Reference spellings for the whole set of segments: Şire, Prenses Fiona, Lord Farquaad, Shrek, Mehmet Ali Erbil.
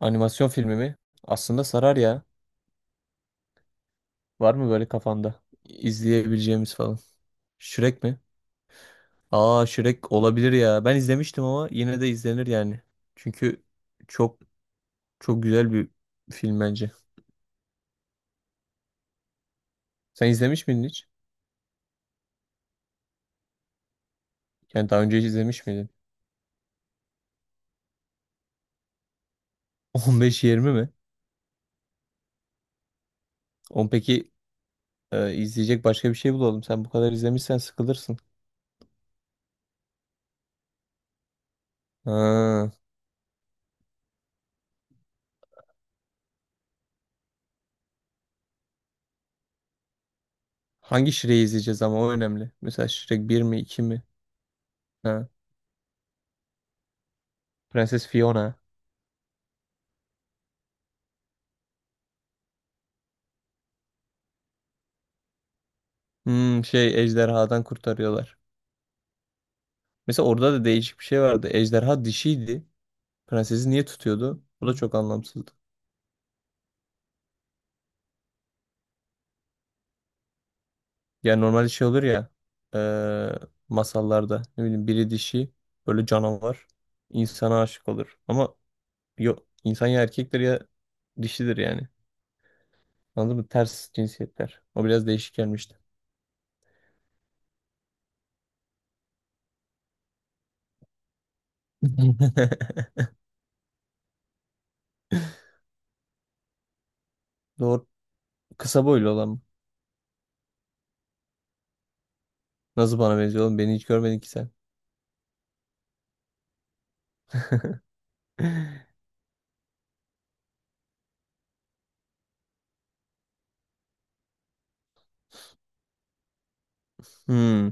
Animasyon filmi mi? Aslında sarar ya. Var mı böyle kafanda, izleyebileceğimiz falan? Shrek mi? Aa, Shrek olabilir ya. Ben izlemiştim ama yine de izlenir yani. Çünkü çok çok güzel bir film bence. Sen izlemiş miydin hiç? Yani daha önce hiç izlemiş miydin? 15-20 mi? On peki. İzleyecek başka bir şey bulalım. Sen bu kadar izlemişsen sıkılırsın. Ha. Hangi Shrek'i izleyeceğiz, ama o önemli. Mesela Shrek bir mi, 2 mi? Ha. Prenses Fiona. Hmm, şey, ejderhadan kurtarıyorlar. Mesela orada da değişik bir şey vardı. Ejderha dişiydi. Prensesi niye tutuyordu? Bu da çok anlamsızdı. Yani normalde şey olur ya, eee, masallarda, ne bileyim, biri dişi böyle canavar insana aşık olur. Ama yok, insan ya erkektir ya dişidir yani. Anladın mı? Ters cinsiyetler. O biraz değişik gelmişti. Doğru. Kısa boylu olan mı? Nasıl bana benziyor oğlum? Beni hiç görmedin ki sen. Hmm.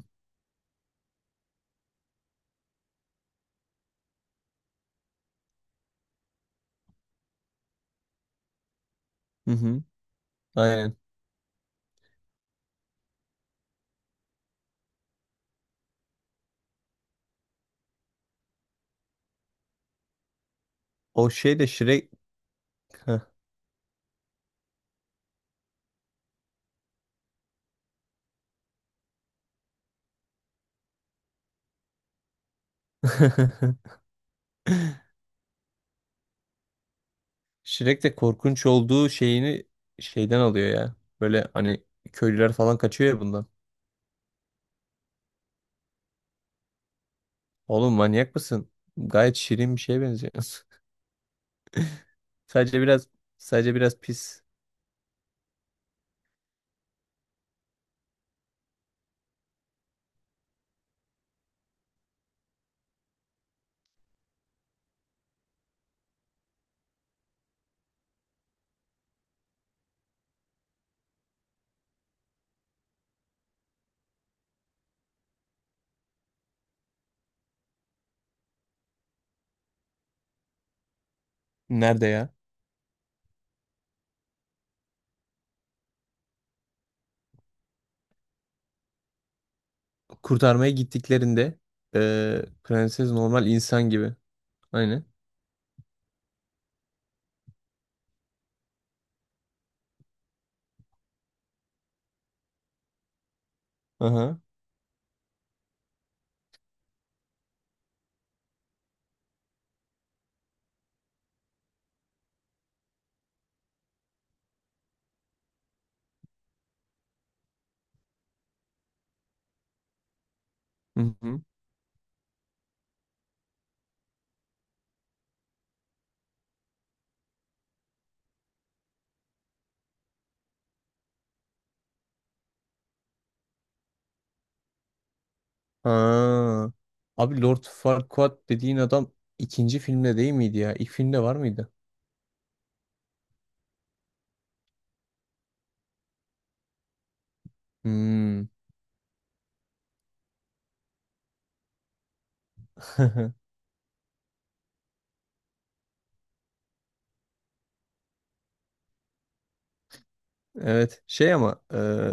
Hı hı. Aynen. O şey de Shrek. Shrek de korkunç olduğu şeyini şeyden alıyor ya. Böyle hani köylüler falan kaçıyor ya bundan. Oğlum, manyak mısın? Gayet şirin bir şeye benziyor. Sadece biraz Sadece biraz pis. Nerede ya? Kurtarmaya gittiklerinde prenses normal insan gibi. Aynen. Aha. Hı hı. Ha. Abi, Lord Farquaad dediğin adam ikinci filmde değil miydi ya? İlk filmde var mıydı? Hmm. Evet. Şey ama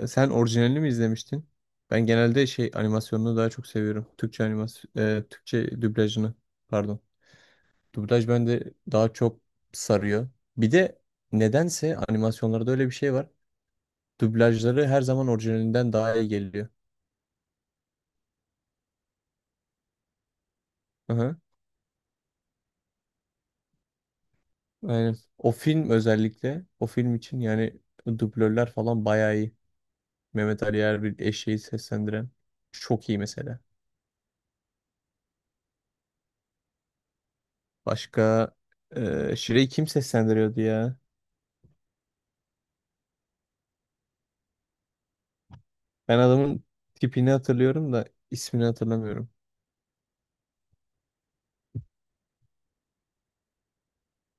sen orijinalini mi izlemiştin? Ben genelde şey animasyonunu daha çok seviyorum. Türkçe animasyon, Türkçe dublajını. Pardon. Dublaj bende daha çok sarıyor. Bir de nedense animasyonlarda öyle bir şey var. Dublajları her zaman orijinalinden daha iyi geliyor. Aha, aynen. O film özellikle, o film için yani dublörler falan bayağı iyi. Mehmet Ali Erbil, eşeği seslendiren, çok iyi mesela. Başka Şire'yi kim seslendiriyordu ya? Ben adamın tipini hatırlıyorum da ismini hatırlamıyorum.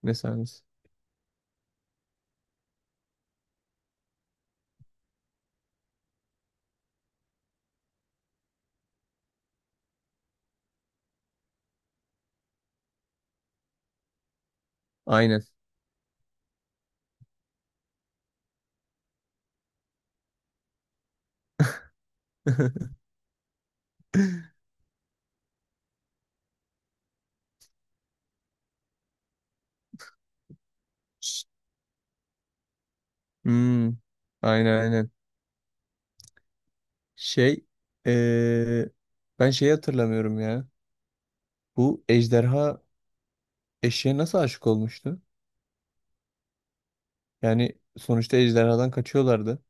Ne sahnesi? Aynen. Hmm, aynen, aynen. Şey, eee, ben şeyi hatırlamıyorum ya. Bu ejderha eşeğe nasıl aşık olmuştu? Yani sonuçta ejderhadan kaçıyorlardı.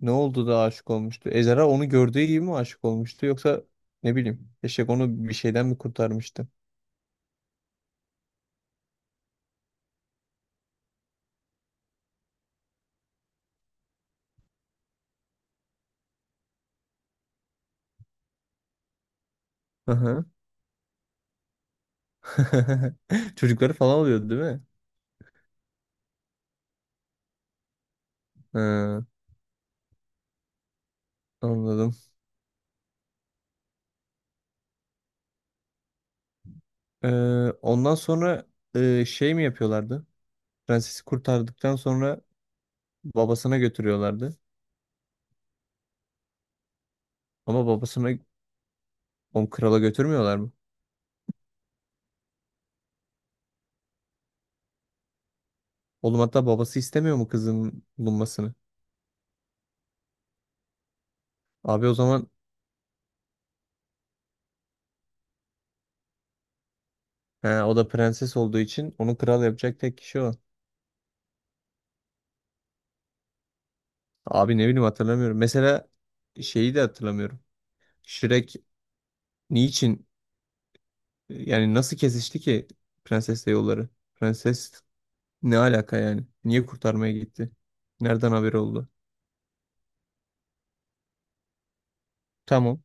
Ne oldu da aşık olmuştu? Ejderha onu gördüğü gibi mi aşık olmuştu? Yoksa, ne bileyim, eşek onu bir şeyden mi kurtarmıştı? Çocukları falan oluyordu değil mi? Ha, anladım. Ee, ondan sonra şey mi yapıyorlardı? Prensesi kurtardıktan sonra babasına götürüyorlardı. Ama babasına, onu krala götürmüyorlar mı? Oğlum, hatta babası istemiyor mu kızın bulunmasını? Abi, o zaman he, o da prenses olduğu için onu kral yapacak tek kişi o. Abi, ne bileyim, hatırlamıyorum. Mesela şeyi de hatırlamıyorum. Shrek niçin, yani nasıl kesişti ki prensesle yolları? Prenses. Ne alaka yani? Niye kurtarmaya gitti? Nereden haberi oldu? Tamam.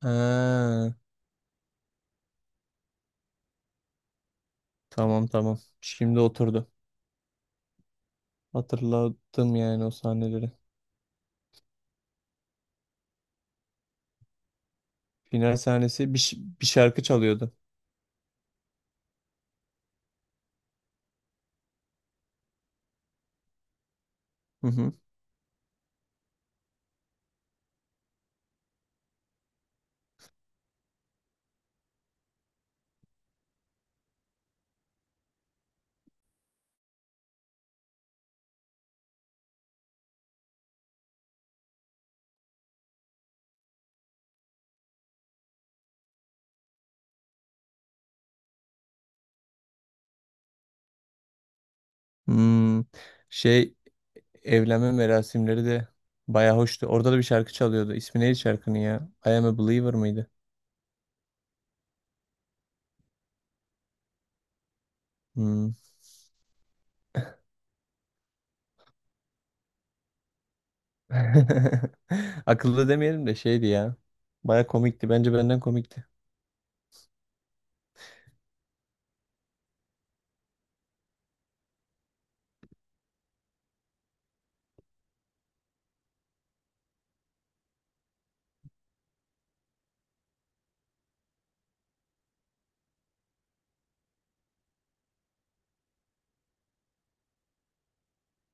Ha, tamam, tamam. Şimdi oturdu. Hatırladım yani o sahneleri. Final sahnesi bir, ş- bir şarkı çalıyordu. Hı hı. Hmm, şey, evlenme merasimleri de baya hoştu. Orada da bir şarkı çalıyordu. İsmi neydi şarkının ya? I am a believer mıydı? Hmm. Akıllı demeyelim de şeydi ya. Baya komikti. Bence benden komikti.